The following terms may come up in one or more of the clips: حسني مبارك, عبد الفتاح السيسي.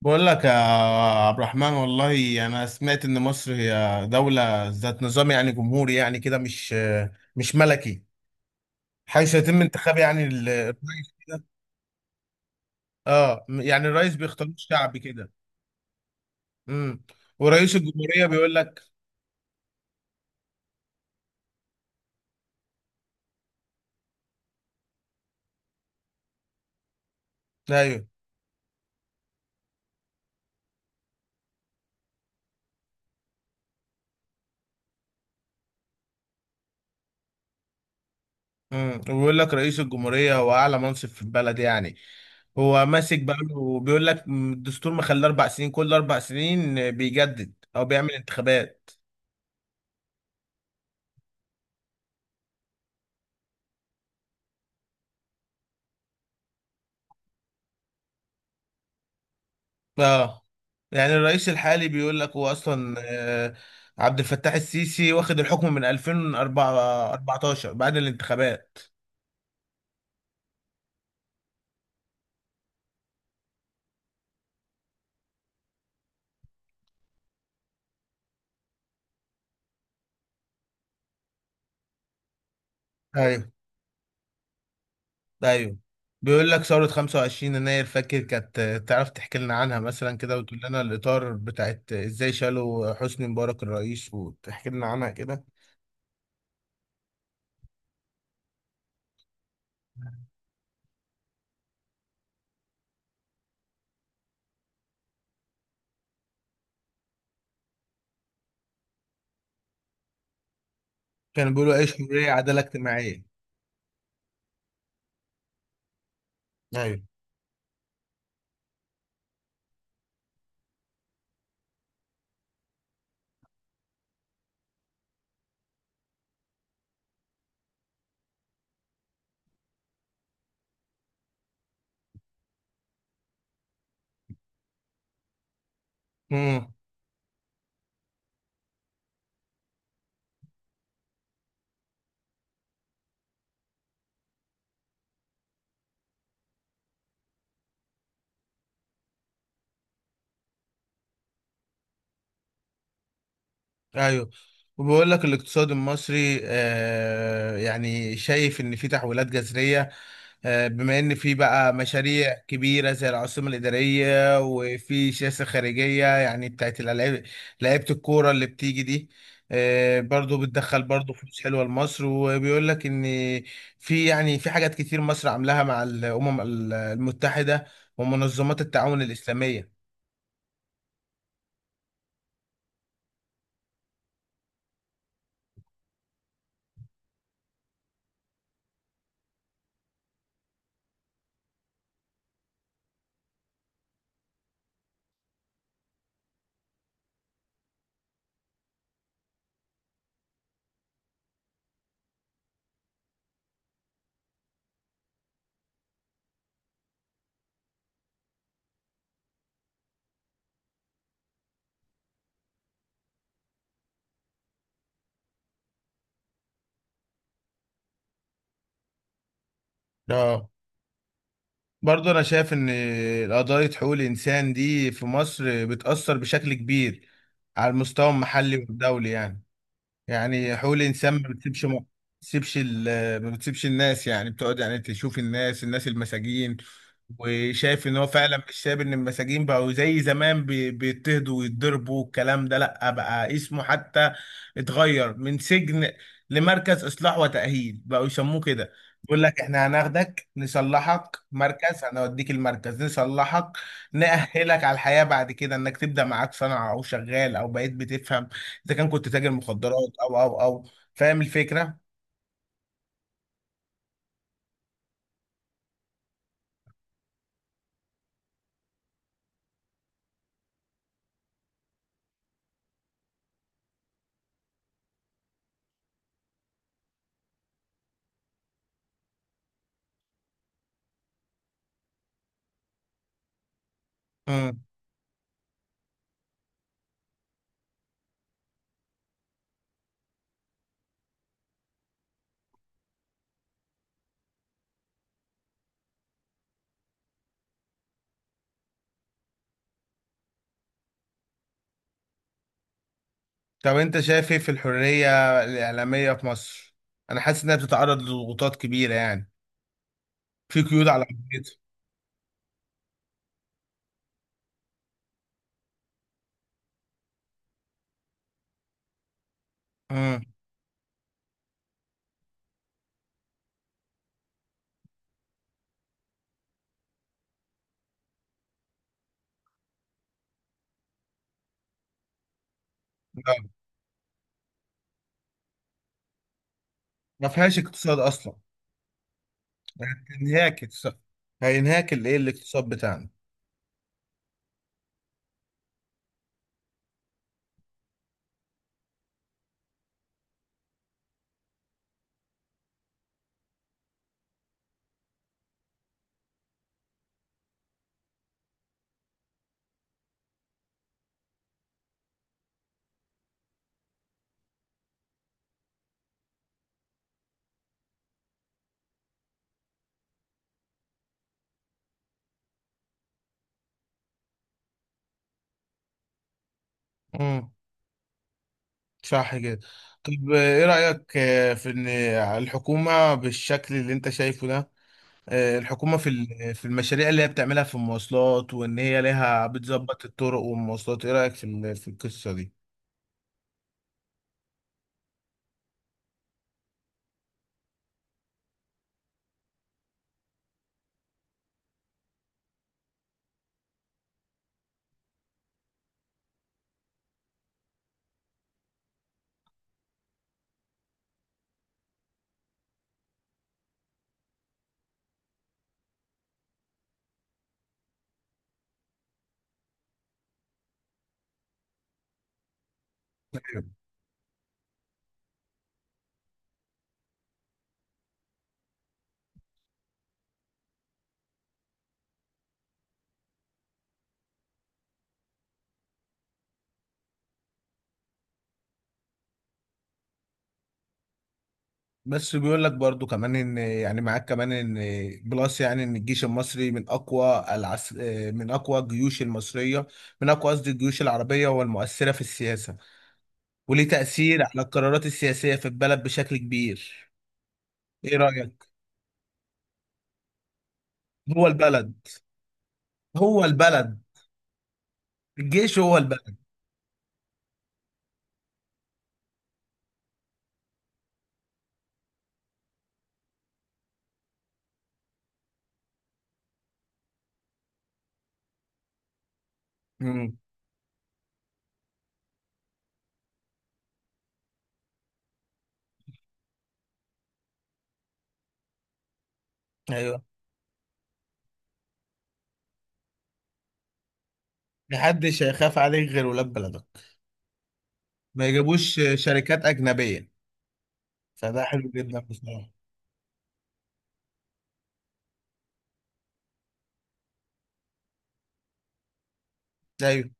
بقول لك يا عبد الرحمن، والله انا سمعت ان مصر هي دولة ذات نظام يعني جمهوري، يعني كده مش ملكي. حيث يتم انتخاب يعني الرئيس كده. اه يعني الرئيس بيختار الشعب كده. امم ورئيس الجمهورية بيقول لك ايوه. وبيقول لك رئيس الجمهورية هو اعلى منصب في البلد، يعني هو ماسك بقى. وبيقول لك الدستور مخليه 4 سنين، كل 4 سنين بيجدد او بيعمل انتخابات. اه يعني الرئيس الحالي بيقول لك هو اصلا عبد الفتاح السيسي واخد الحكم من 2014 بعد الانتخابات. ايوه، ايوه. بيقول لك ثورة 25 يناير، فاكر كانت تعرف تحكي لنا عنها مثلا كده، وتقول لنا الإطار بتاعت ازاي شالوا حسني مبارك الرئيس، وتحكي لنا عنها كده. كانوا بيقولوا ايش؟ حرية عدالة اجتماعية. ايوه، امم، ايوه. وبيقول لك الاقتصاد المصري يعني شايف ان في تحولات جذريه، بما ان في بقى مشاريع كبيره زي العاصمه الاداريه، وفي سياسه خارجيه يعني بتاعت الالعاب، لعيبه الكوره اللي بتيجي دي. برضو بتدخل برضو فلوس حلوه لمصر. وبيقول لك ان في يعني في حاجات كتير مصر عاملاها مع الامم المتحده ومنظمات التعاون الاسلاميه. اه برضو انا شايف ان قضايا حقوق الانسان دي في مصر بتاثر بشكل كبير على المستوى المحلي والدولي يعني. يعني حقوق الانسان ما بتسيبش الناس، يعني بتقعد يعني تشوف الناس المساجين. وشايف ان هو فعلا مش ساب ان المساجين بقوا زي زمان بيضطهدوا ويتضربوا، والكلام ده لا بقى اسمه حتى اتغير من سجن لمركز اصلاح وتأهيل بقوا يسموه كده. بيقول لك احنا هناخدك نصلحك، مركز هنوديك المركز نصلحك نأهلك على الحياة بعد كده، انك تبدأ معاك صنعة او شغال او بقيت بتفهم اذا كان كنت تاجر مخدرات او او او، فاهم الفكره. امم طب انت شايف ايه في الحريه الاعلاميه في مصر؟ انا حاسس انها بتتعرض لضغوطات كبيره، يعني في قيود على حريتها. امم ما فيهاش اقتصاد اصلا. هينهاك اقتصاد، هينهاك الايه الاقتصاد بتاعنا. امم، صح كده. طب ايه رايك في ان الحكومه بالشكل اللي انت شايفه ده، الحكومة في في المشاريع اللي هي بتعملها في المواصلات، وإن هي لها بتظبط الطرق والمواصلات، إيه رأيك في في القصة دي؟ بس بيقول لك برضو كمان ان يعني معاك كمان ان بلس يعني ان الجيش المصري من اقوى العس... آه، من اقوى الجيوش المصريه، من اقوى قصدي الجيوش العربيه والمؤثره في السياسه، وليه تاثير على القرارات السياسيه في البلد بشكل كبير. ايه رايك؟ هو البلد، هو البلد، الجيش هو البلد. امم، ايوه. محدش هيخاف عليك غير ولاد بلدك، ما يجيبوش شركات أجنبية، فده حلو جدا بصراحة. أيوه،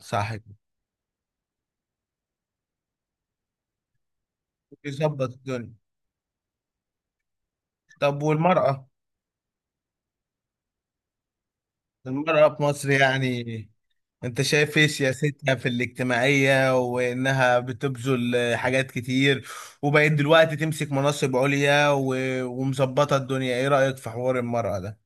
صح كده، يظبط الدنيا. طب والمرأة، المرأة في مصر يعني أنت شايف إيه سياستها في الاجتماعية؟ وإنها بتبذل حاجات كتير، وبقت دلوقتي تمسك مناصب عليا و... ومظبطة الدنيا، إيه رأيك في حوار المرأة ده؟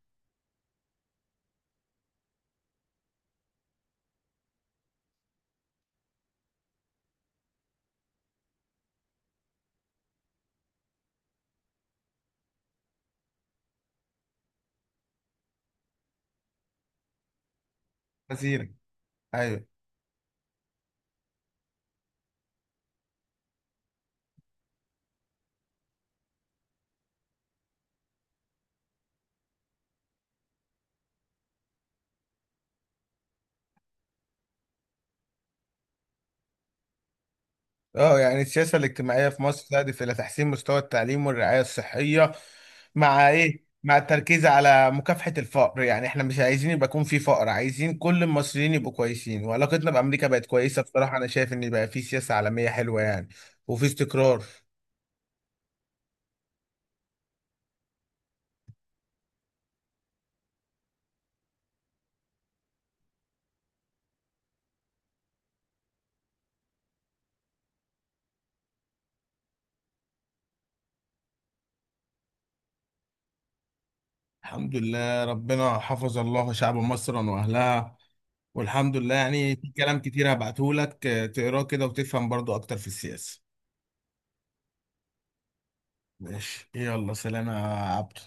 كثير، أيوه. اه يعني السياسة الاجتماعية في مصر تهدف إلى تحسين مستوى التعليم والرعاية الصحية، مع إيه؟ مع التركيز على مكافحة الفقر، يعني إحنا مش عايزين يبقى يكون في فقر، عايزين كل المصريين يبقوا كويسين. وعلاقتنا بأمريكا بقت كويسة بصراحة، أنا شايف إن بقى في سياسة عالمية حلوة يعني، وفي استقرار. الحمد لله، ربنا حفظ الله شعب مصر وأهلها، والحمد لله. يعني في كلام كتير هبعته لك تقراه كده وتفهم برضو أكتر في السياسة. ماشي، يلا، سلام يا عبد